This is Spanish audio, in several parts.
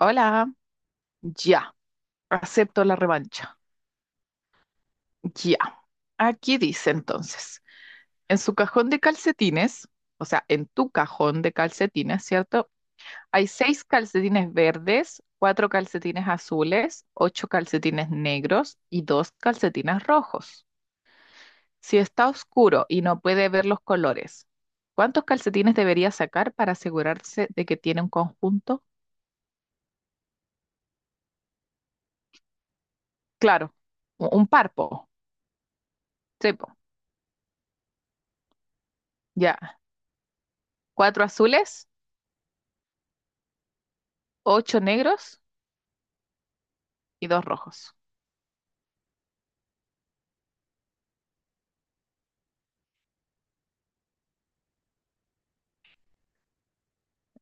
Hola, ya, acepto la revancha. Ya. Aquí dice entonces, en su cajón de calcetines, o sea, en tu cajón de calcetines, ¿cierto? Hay seis calcetines verdes, cuatro calcetines azules, ocho calcetines negros y dos calcetines rojos. Si está oscuro y no puede ver los colores, ¿cuántos calcetines debería sacar para asegurarse de que tiene un conjunto? Claro, un parpo. Sí, po. Ya. ¿Cuatro azules? Ocho negros y dos rojos.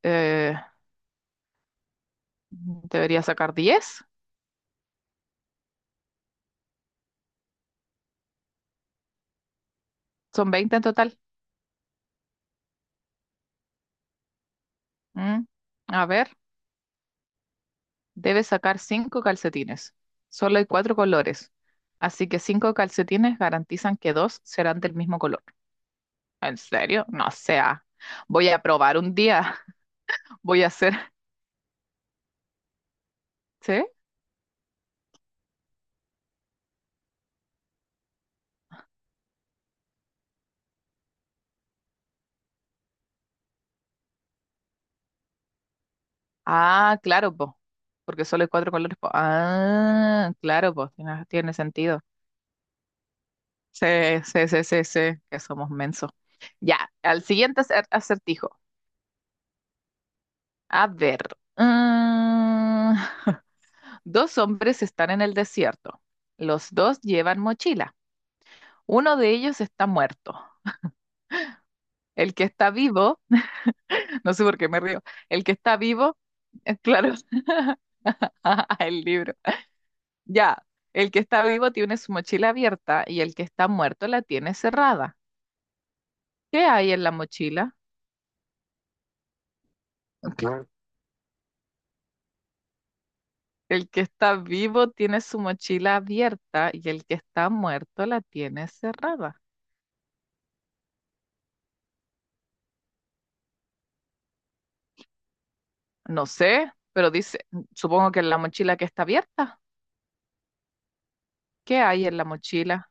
Eh, Debería sacar 10. Son 20 en total. Mm, A ver, debes sacar cinco calcetines. Solo hay cuatro colores. Así que cinco calcetines garantizan que dos serán del mismo color. ¿En serio? No sea. Voy a probar un día. Voy a hacer. ¿Sí? Ah, claro, po. Porque solo hay cuatro colores, po. Ah, claro, po. Tiene sentido. Sí, sí, sí, sí, sí, que somos mensos. Ya, al siguiente acertijo. A ver. mm, dos hombres están en el desierto. Los dos llevan mochila. Uno de ellos está muerto. El que está vivo, no sé por qué me río. El que está vivo, claro, el libro. Ya, el que está vivo tiene su mochila abierta y el que está muerto la tiene cerrada. ¿Qué hay en la mochila? El que está vivo tiene su mochila abierta y el que está muerto la tiene cerrada. No sé, pero dice, supongo que en la mochila que está abierta. ¿Qué hay en la mochila?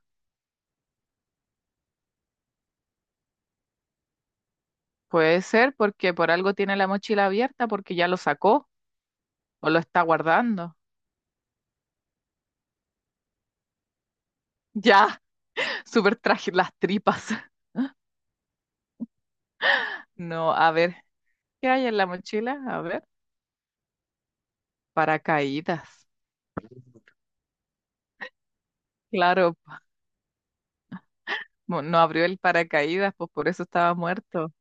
Puede ser porque por algo tiene la mochila abierta, porque ya lo sacó o lo está guardando. Ya, súper traje las tripas. No, a ver, ¿qué hay en la mochila? A ver, paracaídas. Claro, no abrió el paracaídas, pues por eso estaba muerto.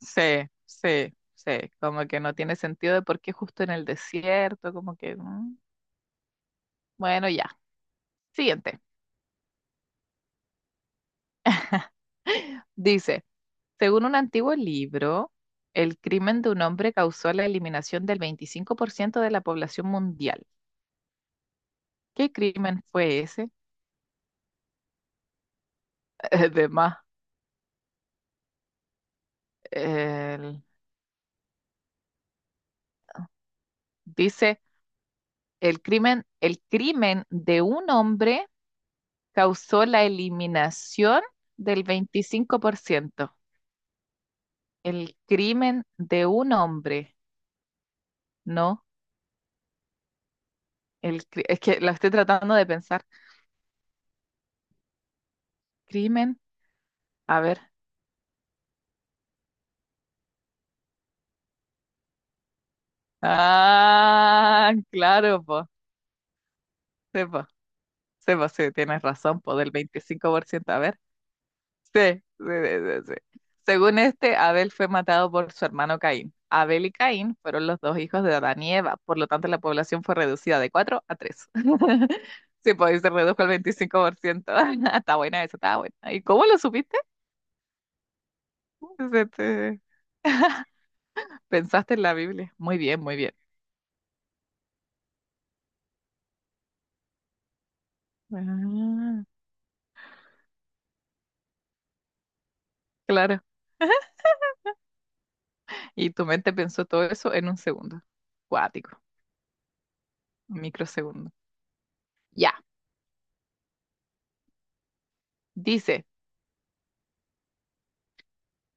Sí, sí, sí, como que no tiene sentido de por qué justo en el desierto, como que, bueno, ya. Siguiente. Dice, según un antiguo libro, el crimen de un hombre causó la eliminación del 25% de la población mundial. ¿Qué crimen fue ese? Además, el- dice, el crimen de un hombre causó la eliminación del veinticinco por ciento. El crimen de un hombre. No. Es que la estoy tratando de pensar. Crimen, a ver. Ah, claro, po. Sí, po. Sí, po, sí, tienes razón, po, del 25%. A ver. Sí, sí, sí, sí. Sí. Según este, Abel fue matado por su hermano Caín. Abel y Caín fueron los dos hijos de Adán y Eva, por lo tanto la población fue reducida de 4 a tres. Sí, po, y se redujo al 25%. Está buena esa, está buena. ¿Y cómo lo supiste? Se te- Pensaste en la Biblia. Muy bien, muy bien. Ah, claro. Y tu mente pensó todo eso en un segundo. Cuático, un microsegundo. Ya, dice,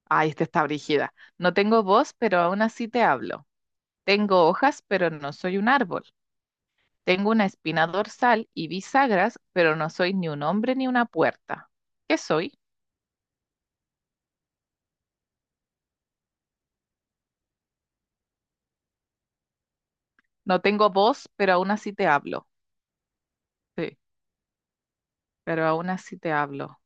ay, esta está brígida. No tengo voz, pero aún así te hablo. Tengo hojas, pero no soy un árbol. Tengo una espina dorsal y bisagras, pero no soy ni un hombre ni una puerta. ¿Qué soy? No tengo voz, pero aún así te hablo. Sí, pero aún así te hablo.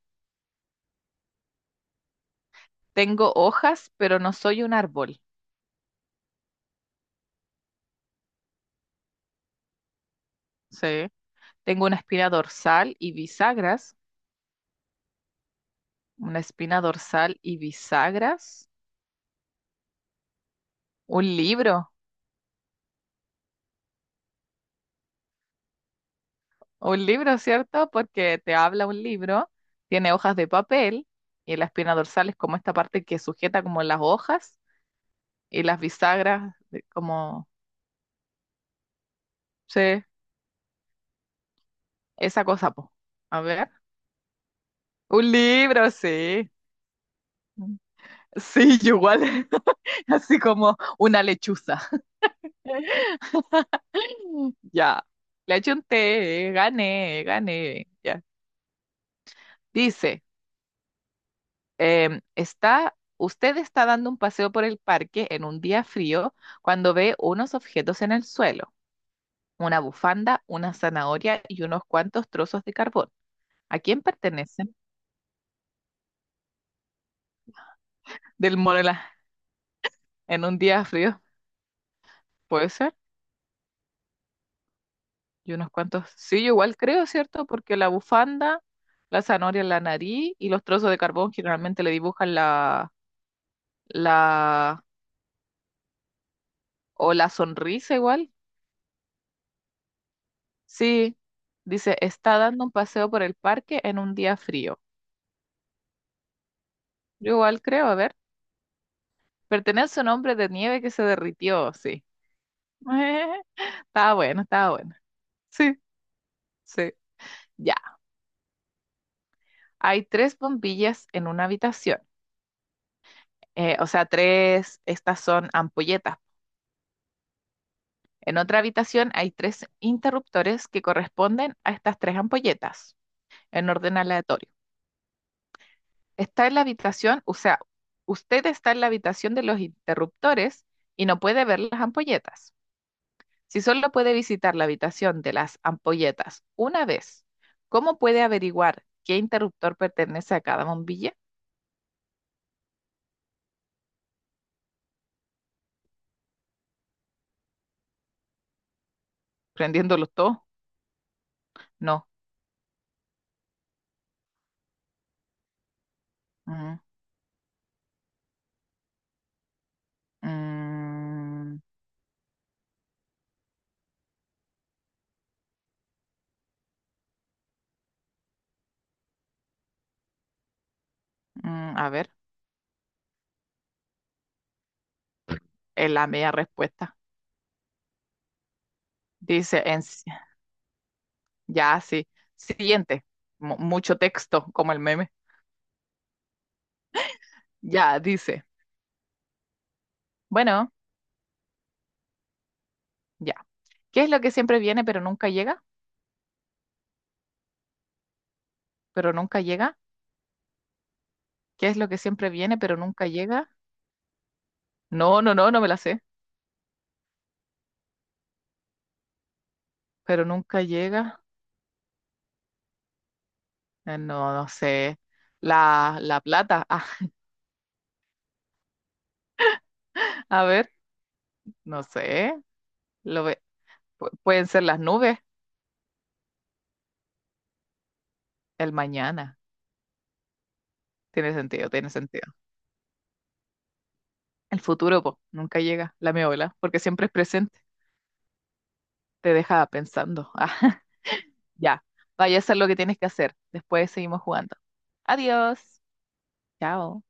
Tengo hojas, pero no soy un árbol. Sí. Tengo una espina dorsal y bisagras, una espina dorsal y bisagras. Un libro, un libro, ¿cierto? Porque te habla un libro, tiene hojas de papel y la espina dorsal es como esta parte que sujeta como las hojas y las bisagras como, sí, esa cosa, po. A ver, un libro, sí. Sí, yo igual, así como una lechuza. Ya, le eché un té, gané, gané. Ya. Dice. Usted está dando un paseo por el parque en un día frío cuando ve unos objetos en el suelo, una bufanda, una zanahoria y unos cuantos trozos de carbón. ¿A quién pertenecen? Del mono la- en un día frío, puede ser. Y unos cuantos, sí, yo igual creo, ¿cierto? Porque la bufanda, la zanahoria en la nariz y los trozos de carbón generalmente le dibujan la, la, o la sonrisa igual. Sí, dice, está dando un paseo por el parque en un día frío. Yo igual creo, a ver. Pertenece a un hombre de nieve que se derritió, sí. Estaba bueno, estaba bueno. Sí, sí. Ya. Hay tres bombillas en una habitación. O sea, tres, estas son ampolletas. En otra habitación hay tres interruptores que corresponden a estas tres ampolletas en orden aleatorio. Está en la habitación, o sea, usted está en la habitación de los interruptores y no puede ver las ampolletas. Si solo puede visitar la habitación de las ampolletas una vez, ¿cómo puede averiguar qué interruptor pertenece a cada bombilla? ¿Prendiéndolos todos? No. Mm, mm, a ver, es la media respuesta. Dice, en, si- ya, sí. Siguiente. Mucho texto, como el meme. Ya, dice. Bueno, ya. ¿Qué es lo que siempre viene pero nunca llega? ¿Pero nunca llega? ¿Qué es lo que siempre viene pero nunca llega? No, no, no, no me la sé. Pero nunca llega. No, no sé. La plata. Ah, a ver, no sé. Lo ve- pueden ser las nubes, el mañana. Tiene sentido, tiene sentido. El futuro, po, nunca llega, la miola, porque siempre es presente. Te deja pensando. Ah, ya. Vaya a hacer lo que tienes que hacer. Después seguimos jugando. Adiós. Chao.